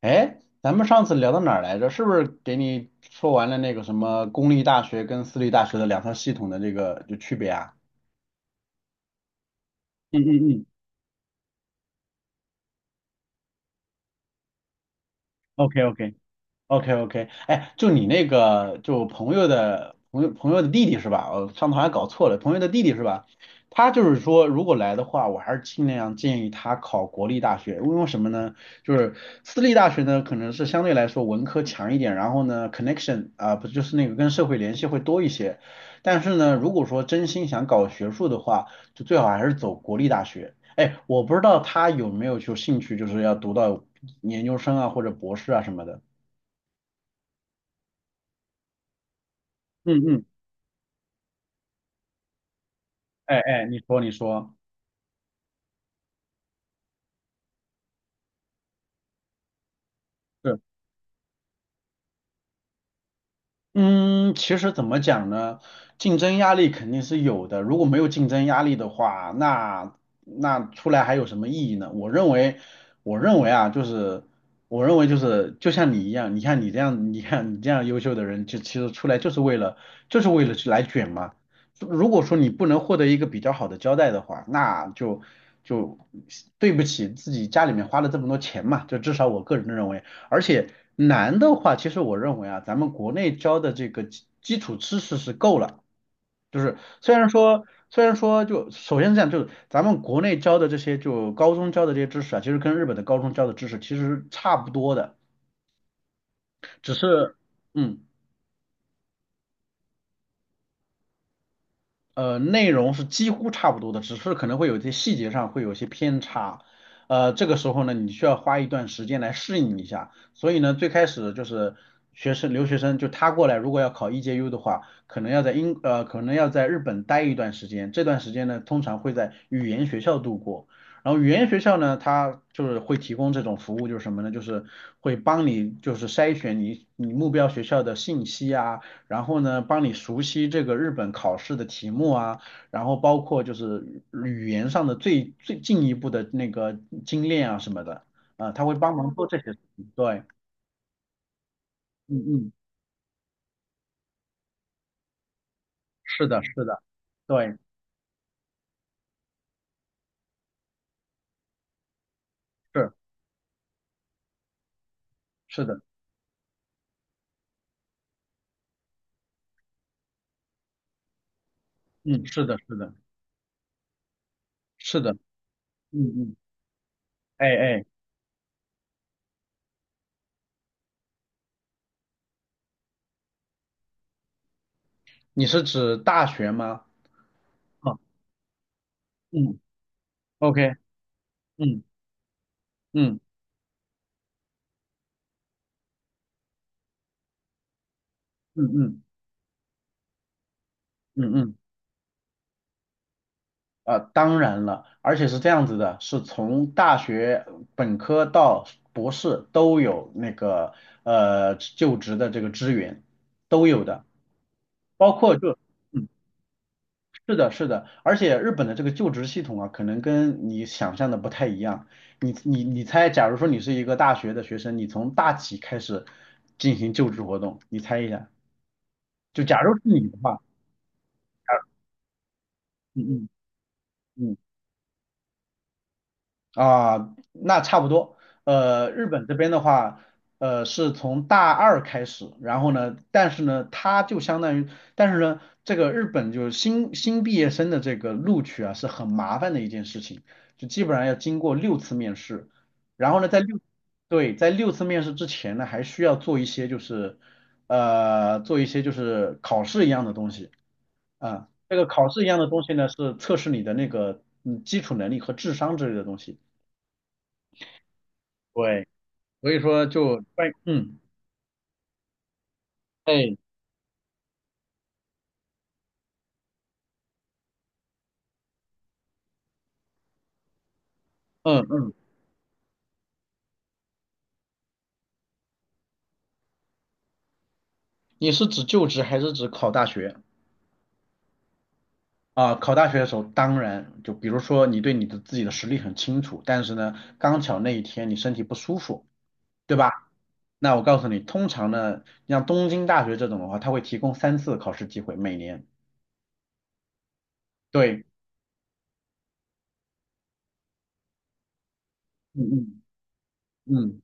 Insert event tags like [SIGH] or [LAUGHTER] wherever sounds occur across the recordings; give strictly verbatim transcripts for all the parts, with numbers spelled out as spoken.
哎，咱们上次聊到哪儿来着？是不是给你说完了那个什么公立大学跟私立大学的两套系统的这个就区别啊？嗯嗯嗯，OK OK。OK OK，哎，就你那个，就朋友的朋友朋友的弟弟是吧？我上头还搞错了，朋友的弟弟是吧？他就是说，如果来的话，我还是尽量建议他考国立大学，因为什么呢？就是私立大学呢，可能是相对来说文科强一点，然后呢，connection 啊、不就是那个跟社会联系会多一些。但是呢，如果说真心想搞学术的话，就最好还是走国立大学。哎，我不知道他有没有就兴趣，就是要读到研究生啊或者博士啊什么的。嗯嗯，哎哎，你说你说，是，嗯，其实怎么讲呢？竞争压力肯定是有的，如果没有竞争压力的话，那那出来还有什么意义呢？我认为，我认为啊，就是我认为就是就像你一样，你看你这样，你看你这样优秀的人，就其实出来就是为了就是为了去来卷嘛。如果说你不能获得一个比较好的交代的话，那就就对不起自己家里面花了这么多钱嘛，就至少我个人认为。而且难的话，其实我认为啊，咱们国内教的这个基基础知识是够了。就是虽然说，虽然说就首先是这样，就是咱们国内教的这些，就高中教的这些知识啊，其实跟日本的高中教的知识其实是差不多的，只是嗯。呃，内容是几乎差不多的，只是可能会有一些细节上会有一些偏差。呃，这个时候呢，你需要花一段时间来适应一下。所以呢，最开始就是学生留学生就他过来，如果要考 E J U 的话，可能要在英呃可能要在日本待一段时间。这段时间呢，通常会在语言学校度过。然后语言学校呢，它就是会提供这种服务，就是什么呢？就是会帮你就是筛选你你目标学校的信息啊。然后呢，帮你熟悉这个日本考试的题目啊，然后包括就是语言上的最最进一步的那个精炼啊什么的，啊、他会帮忙做这些事情。对，嗯嗯，是的，是的，对，是是的，嗯，是的，是的，是的，嗯嗯，哎哎，你是指大学吗？啊，嗯，OK，嗯嗯嗯嗯嗯嗯嗯。呃，当然了，而且是这样子的，是从大学本科到博士都有那个呃就职的这个资源，都有的，包括就嗯，是的，是的，而且日本的这个就职系统啊，可能跟你想象的不太一样。你你你猜，假如说你是一个大学的学生，你从大几开始进行就职活动？你猜一下，就假如是你的话，嗯嗯嗯啊，那差不多。呃，日本这边的话，呃，是从大二开始，然后呢，但是呢，它就相当于，但是呢，这个日本就是新新毕业生的这个录取啊，是很麻烦的一件事情，就基本上要经过六次面试，然后呢，在六，对，在六次面试之前呢，还需要做一些就是，呃，做一些就是考试一样的东西啊，这个考试一样的东西呢，是测试你的那个嗯基础能力和智商之类的东西。对，所以说就关，嗯，哎，嗯嗯，你是指就职还是指考大学？啊，考大学的时候，当然就比如说你对你的自己的实力很清楚，但是呢，刚巧那一天你身体不舒服，对吧？那我告诉你，通常呢，像东京大学这种的话，它会提供三次考试机会，每年。对，嗯嗯嗯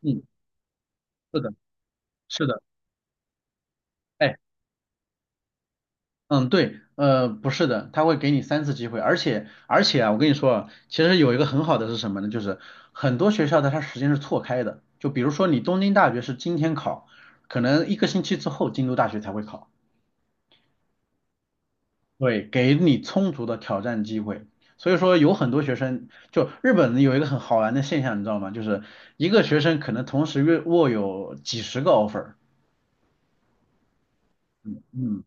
嗯，是的，是的。哎。嗯，对，呃，不是的，他会给你三次机会，而且而且啊，我跟你说啊，其实有一个很好的是什么呢？就是很多学校的它时间是错开的，就比如说你东京大学是今天考，可能一个星期之后京都大学才会考，对，给你充足的挑战机会。所以说有很多学生，就日本有一个很好玩的现象，你知道吗？就是一个学生可能同时约握有几十个 offer，嗯。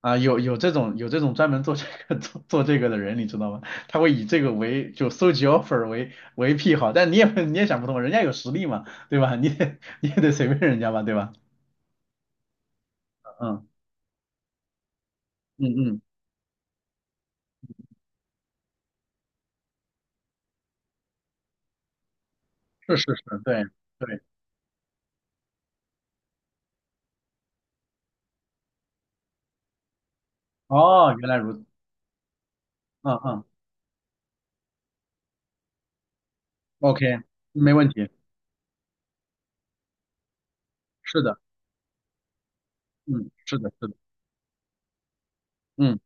啊，有有这种有这种专门做这个 [LAUGHS] 做做这个的人，你知道吗？他会以这个为就搜集 offer 为为癖好，但你也 [LAUGHS] 你也想不通，人家有实力嘛，对吧？你得 [LAUGHS] 你也得随便人家吧，对吧？嗯嗯嗯，是是是，对对，哦，原来如此，嗯嗯，OK，没问题，是的，嗯，是的，是的，嗯。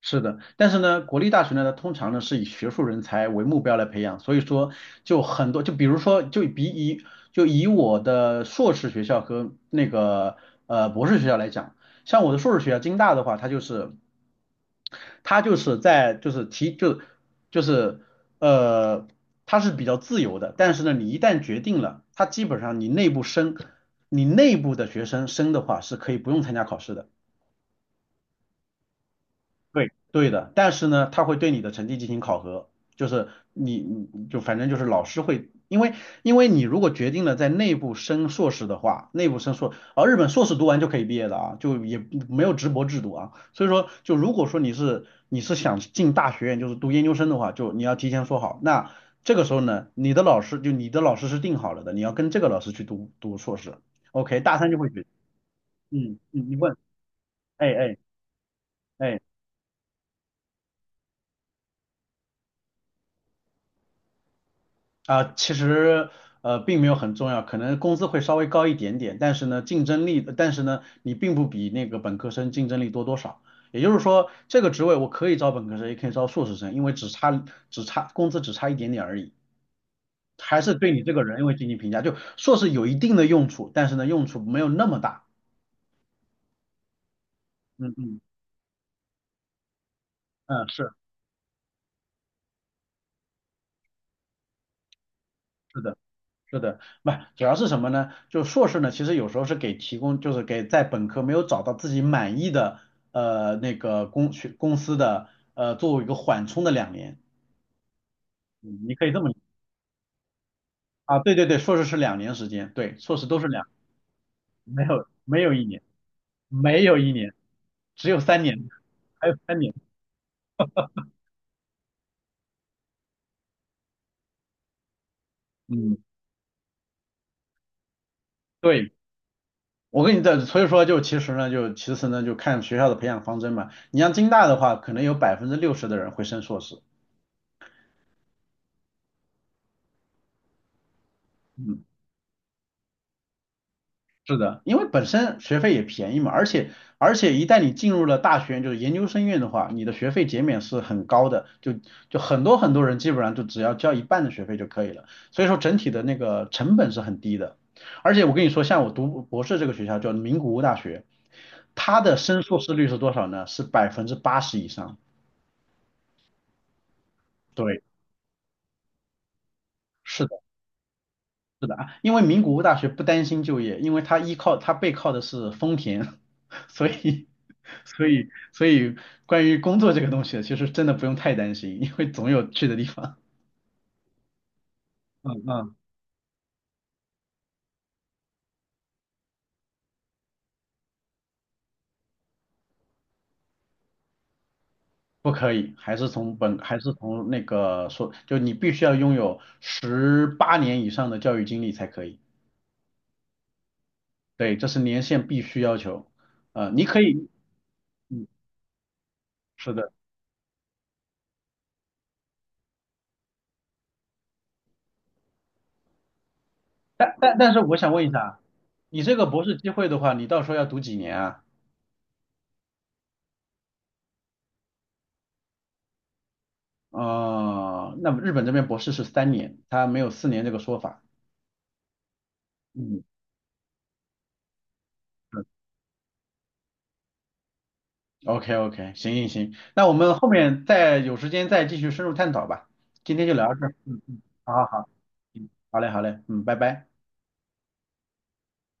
是的，但是呢，国立大学呢，它通常呢是以学术人才为目标来培养，所以说就很多，就比如说，就比以就以我的硕士学校和那个呃博士学校来讲，像我的硕士学校京大的话，它就是它就是在就是提就就是呃它是比较自由的，但是呢，你一旦决定了，它基本上你内部升你内部的学生升的话是可以不用参加考试的。对，对的，但是呢，他会对你的成绩进行考核，就是你，你就反正就是老师会，因为因为你如果决定了在内部升硕士的话，内部升硕，而日本硕士读完就可以毕业的啊，就也没有直博制度啊，所以说就如果说你是你是想进大学院，就是读研究生的话，就你要提前说好，那这个时候呢，你的老师就你的老师是定好了的，你要跟这个老师去读读硕士，OK，大三就会决定，嗯，你你问，哎哎。哎啊，其实呃并没有很重要，可能工资会稍微高一点点，但是呢竞争力，但是呢你并不比那个本科生竞争力多多少。也就是说，这个职位我可以招本科生，也可以招硕士生，因为只差只差工资只差一点点而已，还是对你这个人会进行评价。就硕士有一定的用处，但是呢用处没有那么大。嗯嗯嗯，是是的。是的，不，主要是什么呢？就硕士呢，其实有时候是给提供，就是给在本科没有找到自己满意的呃那个公学公司的呃作为一个缓冲的两年，嗯你可以这么理解啊，对对对，硕士是两年时间，对，硕士都是两，没有没有一年，没有一年，只有三年，还有三年，嗯，对，我跟你的，所以说就其实呢，就其实呢，就看学校的培养方针嘛，你像京大的话，可能有百分之六十的人会升硕士，嗯。是的，因为本身学费也便宜嘛，而且而且一旦你进入了大学就是研究生院的话，你的学费减免是很高的，就就很多很多人基本上就只要交一半的学费就可以了，所以说整体的那个成本是很低的。而且我跟你说，像我读博士这个学校叫名古屋大学，它的升硕士率是多少呢？是百分之八十以上。对，是是的啊，因为名古屋大学不担心就业，因为它依靠它背靠的是丰田，[LAUGHS] 所以所以所以关于工作这个东西，其实真的不用太担心，因为总有去的地方。[LAUGHS] 嗯嗯，不可以，还是从本还是从那个说，就你必须要拥有十八年以上的教育经历才可以。对，这是年限必须要求。呃，你可以，是的，但但但是我想问一下，你这个博士机会的话，你到时候要读几年啊？哦，那么日本这边博士是三年，他没有四年这个说法。嗯，OK OK，行行行，那我们后面再有时间再继续深入探讨吧。今天就聊到这儿。嗯嗯，好好好，嗯，好嘞好嘞，嗯，拜拜。